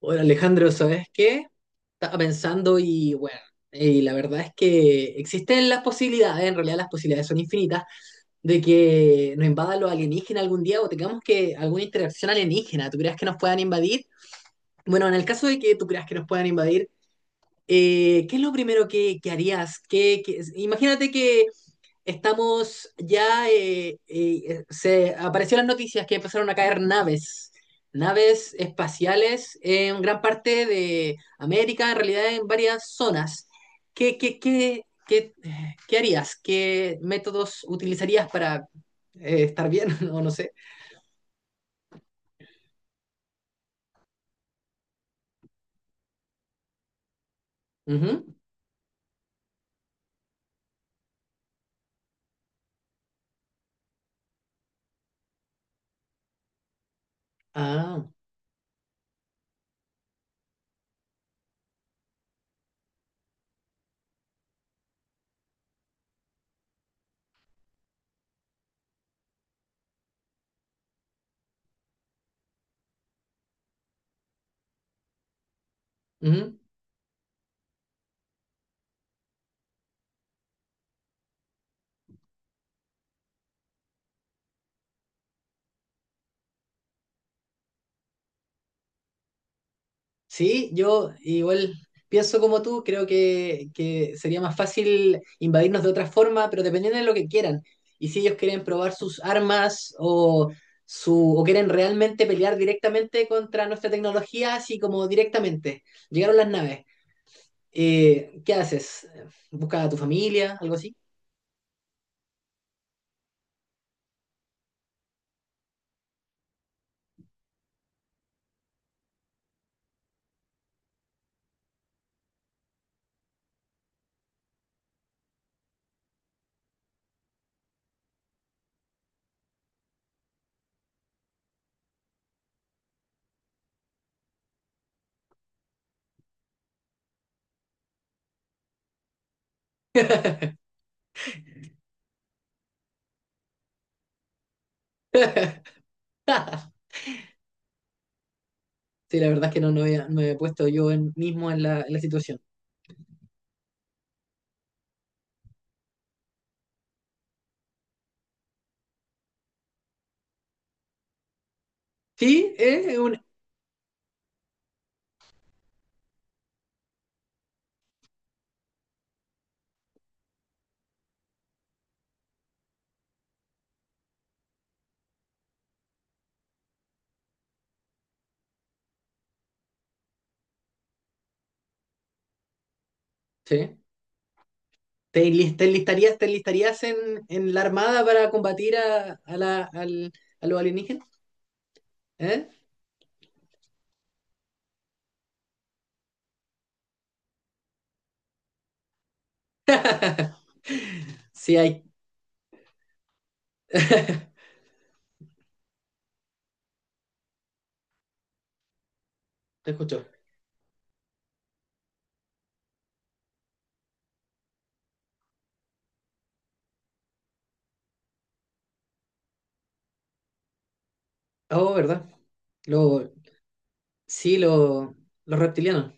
Hola Alejandro, ¿sabes qué? Estaba pensando y bueno, y la verdad es que existen las posibilidades, en realidad las posibilidades son infinitas, de que nos invadan los alienígenas algún día o tengamos que alguna interacción alienígena. ¿Tú creas que nos puedan invadir? Bueno, en el caso de que tú creas que nos puedan invadir, ¿qué es lo primero que harías? Imagínate que estamos ya, se apareció en las noticias que empezaron a caer naves, naves espaciales en gran parte de América, en realidad en varias zonas. ¿Qué, qué, qué, qué, ¿qué harías? ¿Qué métodos utilizarías para estar bien? No sé. Ujú. Ah, ujú. Sí, yo igual pienso como tú, creo que sería más fácil invadirnos de otra forma, pero dependiendo de lo que quieran. Y si ellos quieren probar sus armas o, o quieren realmente pelear directamente contra nuestra tecnología, así como directamente. Llegaron las naves. ¿Qué haces? ¿Buscas a tu familia? ¿Algo así? Sí, la verdad es que no, no me he puesto yo mismo en en la situación. Sí, es un... Sí. ¿Te enlistarías, te enlistarías en la armada para combatir a al, a los alienígenas? ¿Eh? Sí, hay. Te escucho. Oh, ¿verdad? Lo, sí, lo, los reptilianos.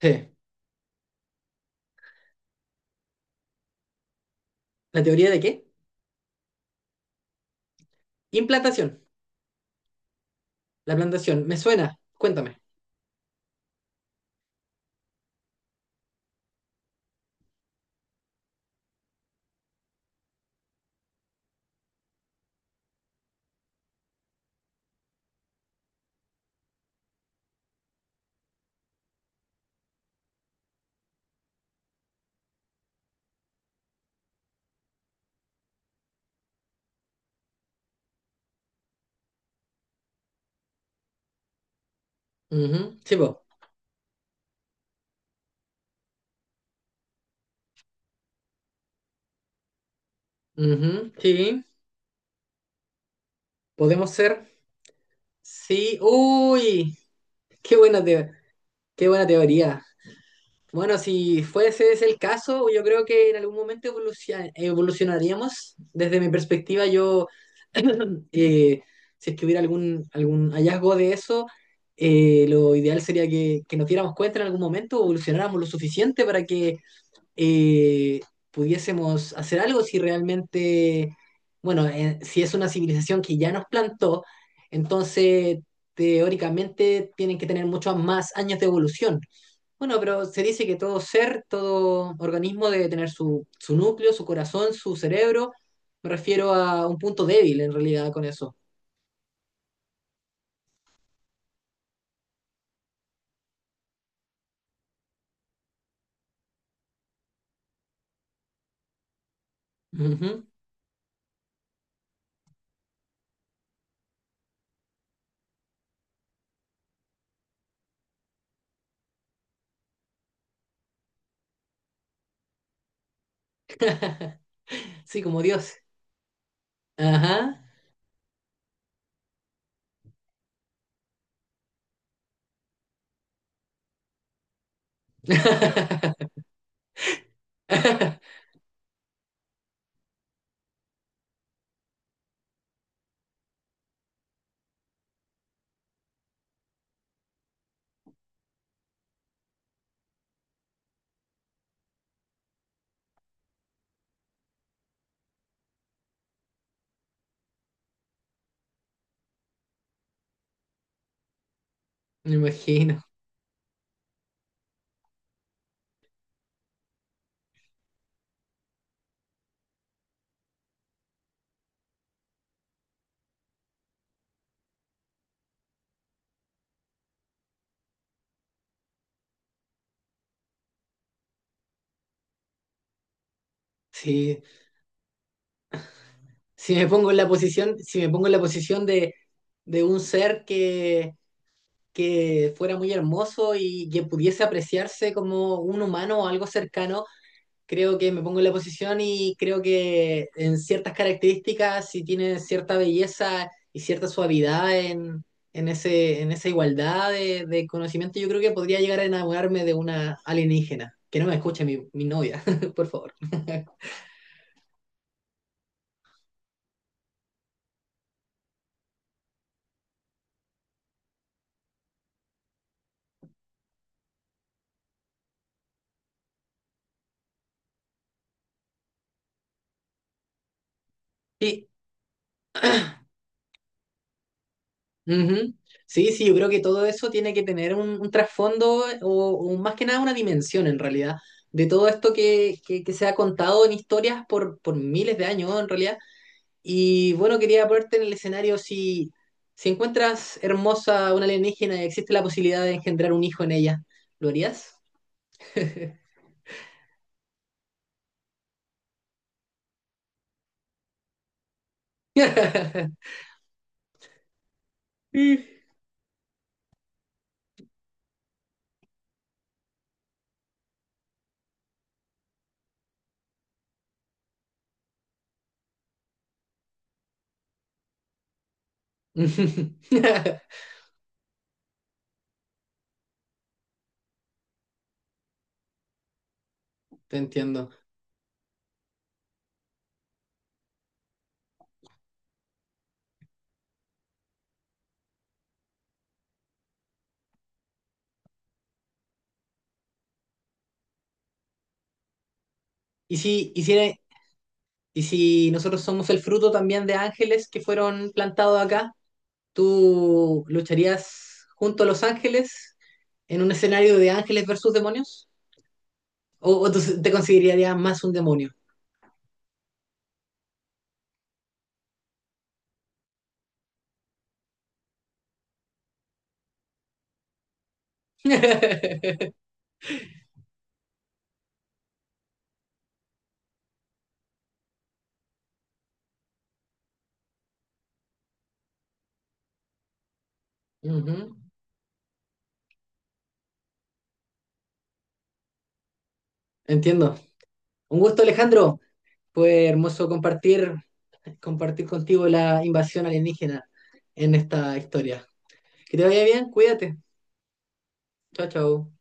Sí. ¿La teoría de qué? Implantación. La plantación. Me suena. Cuéntame. Ujú. Sí, po. Ujú. Sí. Podemos ser. Sí. Uy. Qué buena, teo- Qué buena teoría. Bueno, si fuese ese el caso, yo creo que en algún momento evolucionaríamos. Desde mi perspectiva, yo, eh, si es que hubiera algún hallazgo de eso, lo ideal sería que nos diéramos cuenta en algún momento, evolucionáramos lo suficiente para que eh, pudiésemos hacer algo si realmente, bueno, si es una civilización que ya nos plantó, entonces teóricamente tienen que tener muchos más años de evolución. Bueno, pero se dice que todo ser, todo organismo debe tener su, su núcleo, su corazón, su cerebro. Me refiero a un punto débil en realidad con eso. Ujú. Sí, como Dios. Ajá. Me imagino. Sí. Si me pongo en la posición, si me pongo en la posición de un ser que fuera muy hermoso y que pudiese apreciarse como un humano o algo cercano, creo que me pongo en la posición y creo que en ciertas características, si tiene cierta belleza y cierta suavidad en, ese, en esa igualdad de conocimiento, yo creo que podría llegar a enamorarme de una alienígena. Que no me escuche mi, mi novia, por favor. Sí, ujú. Sí, sí, yo creo que todo eso tiene que tener un trasfondo o más que nada una dimensión en realidad de todo esto que se ha contado en historias por miles de años en realidad. Y bueno, quería ponerte en el escenario si, si encuentras hermosa una alienígena y existe la posibilidad de engendrar un hijo en ella, ¿lo harías? Te entiendo. ¿Y si, y si, ¿y si nosotros somos el fruto también de ángeles que fueron plantados acá, ¿tú lucharías junto a los ángeles en un escenario de ángeles versus demonios? O tú te considerarías más un demonio? Ujú. Entiendo. Un gusto, Alejandro. Fue hermoso compartir, compartir contigo la invasión alienígena en esta historia. Que te vaya bien, cuídate. Chao, chao.